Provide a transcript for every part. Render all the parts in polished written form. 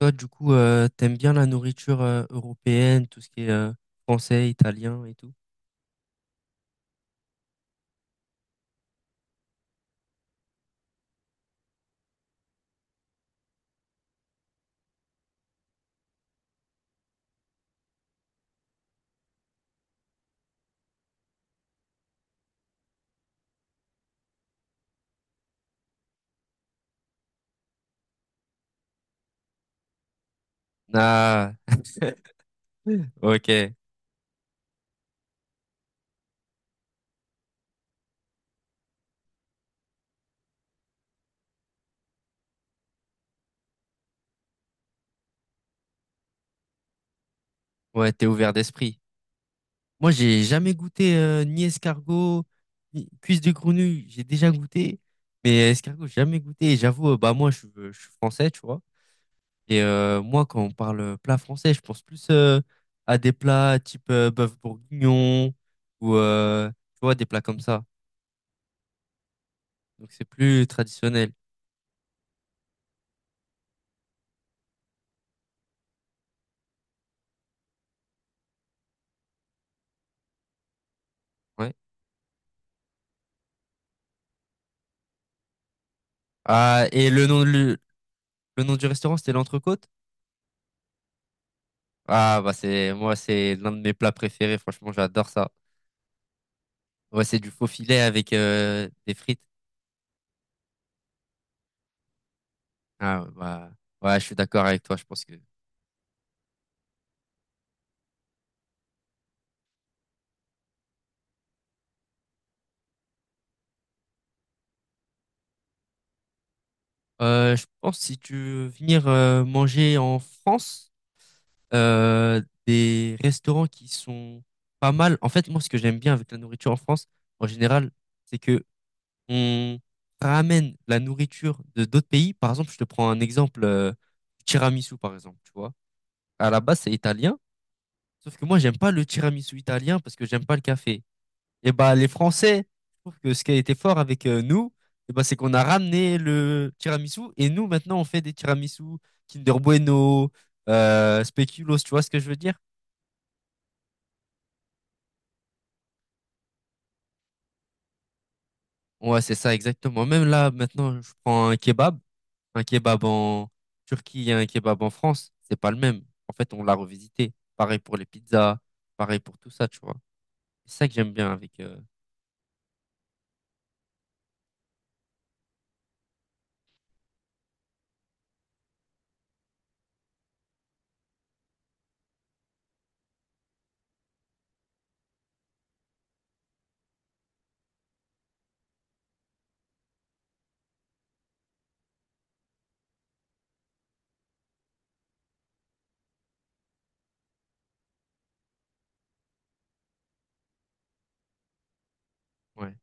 Toi, du coup, t'aimes bien la nourriture européenne, tout ce qui est français, italien et tout? Ah, ok. Ouais, t'es ouvert d'esprit. Moi, j'ai jamais goûté ni escargot, ni cuisse de grenouille. J'ai déjà goûté, mais escargot, j'ai jamais goûté. Et j'avoue, bah moi, je suis français, tu vois. Et moi, quand on parle plat français, je pense plus à des plats type bœuf bourguignon ou tu vois, des plats comme ça. Donc, c'est plus traditionnel. Ouais. Ah, et le nom, le nom du restaurant, c'était l'entrecôte? Ah, bah c'est moi, c'est l'un de mes plats préférés. Franchement, j'adore ça. Ouais, c'est du faux filet avec des frites. Ah, bah, ouais, je suis d'accord avec toi. Je pense que. Je pense si tu veux venir manger en France, euh, des restaurants qui sont pas mal. En fait, moi, ce que j'aime bien avec la nourriture en France, en général, c'est que on ramène la nourriture de d'autres pays. Par exemple, je te prends un exemple, tiramisu, par exemple. Tu vois. À la base, c'est italien. Sauf que moi, j'aime pas le tiramisu italien parce que j'aime pas le café. Et bah, les Français, je trouve que ce qui a été fort avec nous, et bah, c'est qu'on a ramené le tiramisu et nous, maintenant, on fait des tiramisu Kinder Bueno, Speculoos, tu vois ce que je veux dire? Ouais, c'est ça, exactement. Même là, maintenant, je prends un kebab en Turquie et un kebab en France, c'est pas le même. En fait, on l'a revisité. Pareil pour les pizzas, pareil pour tout ça, tu vois. C'est ça que j'aime bien avec. Ouais.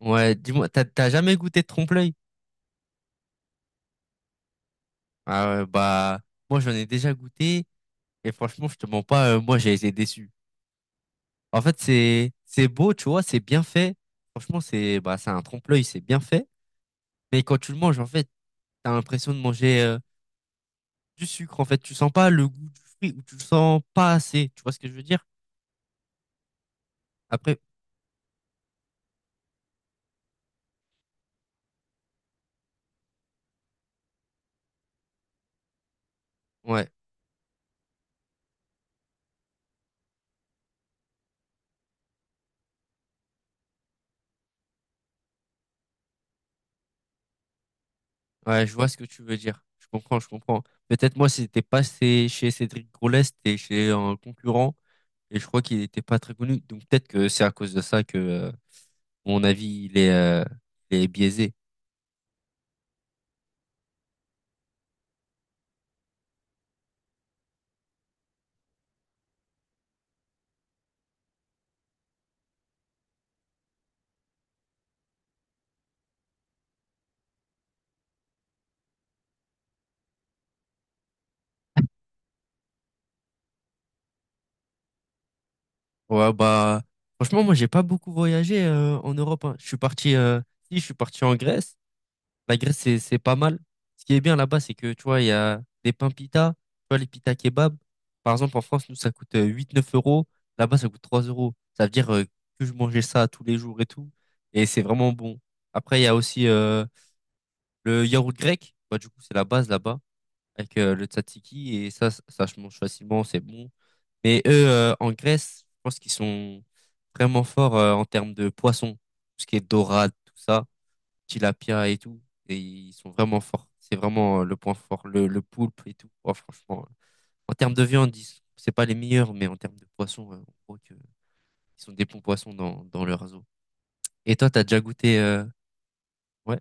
Ouais, dis-moi, t'as jamais goûté de trompe-l'œil? Ah ouais, bah, moi j'en ai déjà goûté et franchement, je te mens pas, moi j'ai été déçu. En fait, c'est beau, tu vois, c'est bien fait. Franchement, c'est bah c'est un trompe-l'œil, c'est bien fait. Mais quand tu le manges, en fait, t'as l'impression de manger du sucre. En fait, tu sens pas le goût du fruit ou tu le sens pas assez. Tu vois ce que je veux dire? Après, ouais, ouais, je vois ce que tu veux dire. Je comprends, je comprends. Peut-être moi, c'était pas chez Cédric Grolet, c'était chez un concurrent. Et je crois qu'il n'était pas très connu. Donc peut-être que c'est à cause de ça que mon avis il est biaisé. Ouais, bah franchement, moi j'ai pas beaucoup voyagé en Europe. Hein. Je suis parti si je suis parti en Grèce. La Grèce c'est pas mal. Ce qui est bien là-bas, c'est que tu vois, il y a des pains pita, tu vois, les pita kebab. Par exemple, en France, nous, ça coûte 8-9 euros. Là-bas, ça coûte 3 euros. Ça veut dire que je mangeais ça tous les jours et tout. Et c'est vraiment bon. Après, il y a aussi le yaourt grec. Bah, du coup, c'est la base là-bas. Avec le tzatziki et ça se mange facilement, c'est bon. Mais eux, en Grèce, je pense qu'ils sont vraiment forts en termes de poissons, tout ce qui est dorade, tout ça, tilapia et tout. Et ils sont vraiment forts. C'est vraiment le point fort, le poulpe et tout. Oh, franchement, en termes de viande, c'est pas les meilleurs, mais en termes de poissons, on voit que ils sont des bons poissons dans leur réseau. Et toi, t'as déjà goûté ouais,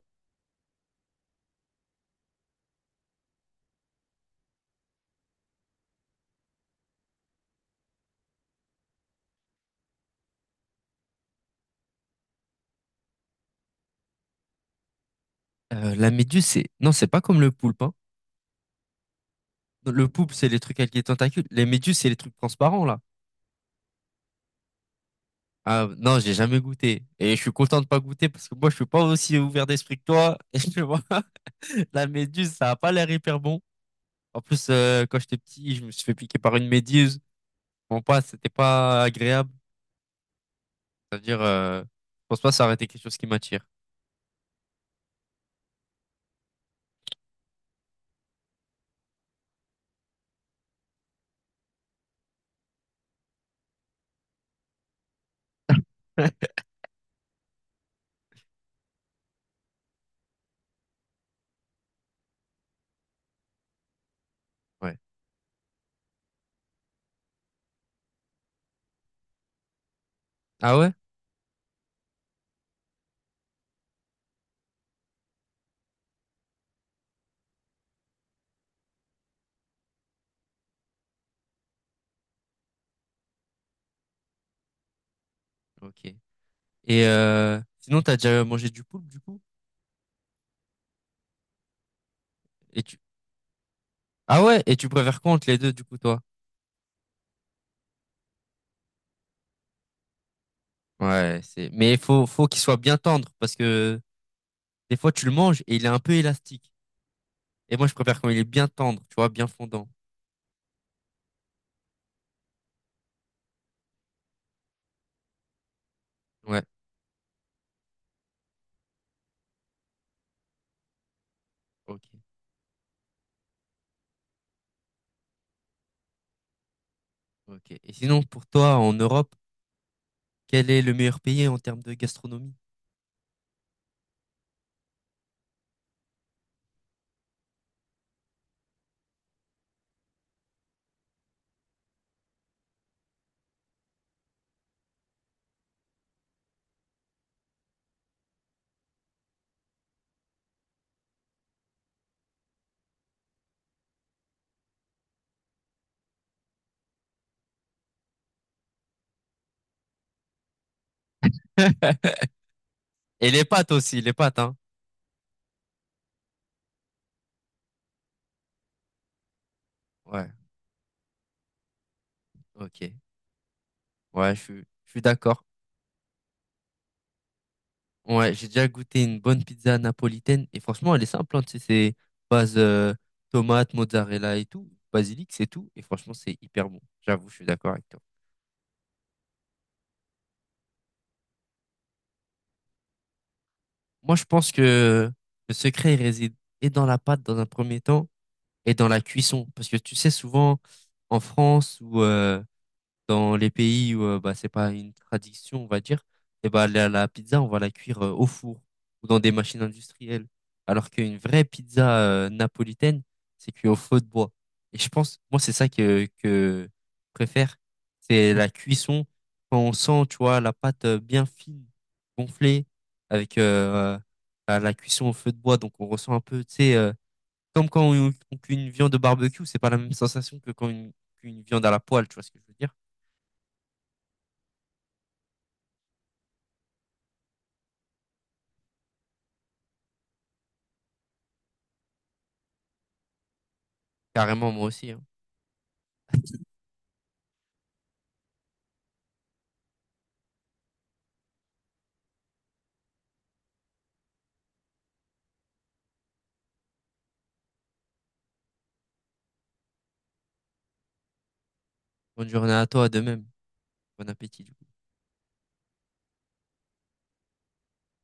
la méduse, c'est non, c'est pas comme le poulpe, hein. Le poulpe, c'est les trucs avec les tentacules. Les méduses, c'est les trucs transparents là. Ah, non, j'ai jamais goûté. Et je suis content de pas goûter parce que moi, je suis pas aussi ouvert d'esprit que toi. Et tu vois, la méduse, ça a pas l'air hyper bon. En plus, quand j'étais petit, je me suis fait piquer par une méduse. Bon, pas, c'était pas agréable. C'est-à-dire, je pense pas que ça aurait été quelque chose qui m'attire. Ouais. Ah ouais? Ok. Et sinon, t'as déjà mangé du poulpe, du coup? Et tu... Ah ouais? Et tu préfères quoi entre les deux, du coup, toi? Ouais, c'est... Mais il faut qu'il soit bien tendre parce que des fois, tu le manges et il est un peu élastique. Et moi, je préfère quand il est bien tendre, tu vois, bien fondant. Ouais, ok, ok. Et sinon, pour toi, en Europe, quel est le meilleur pays en termes de gastronomie? Et les pâtes aussi, les pâtes, hein. Ouais, ok. Ouais, je suis d'accord. Ouais, j'ai déjà goûté une bonne pizza napolitaine et franchement, elle est simple, hein, tu sais, c'est base tomate, mozzarella et tout, basilic, c'est tout. Et franchement, c'est hyper bon. J'avoue, je suis d'accord avec toi. Moi, je pense que le secret il réside et dans la pâte dans un premier temps et dans la cuisson. Parce que tu sais, souvent en France ou dans les pays où bah, c'est pas une tradition, on va dire, et bah, la pizza, on va la cuire au four ou dans des machines industrielles. Alors qu'une vraie pizza napolitaine, c'est cuit au feu de bois. Et je pense, moi, c'est ça que je préfère, c'est la cuisson. Quand on sent, tu vois, la pâte bien fine, gonflée, avec à la cuisson au feu de bois, donc on ressent un peu, tu sais, comme quand on cuit une viande au barbecue, c'est pas la même sensation que qu'une viande à la poêle, tu vois ce que je veux dire? Carrément, moi aussi. Hein. Bonne journée à toi, de même. Bon appétit.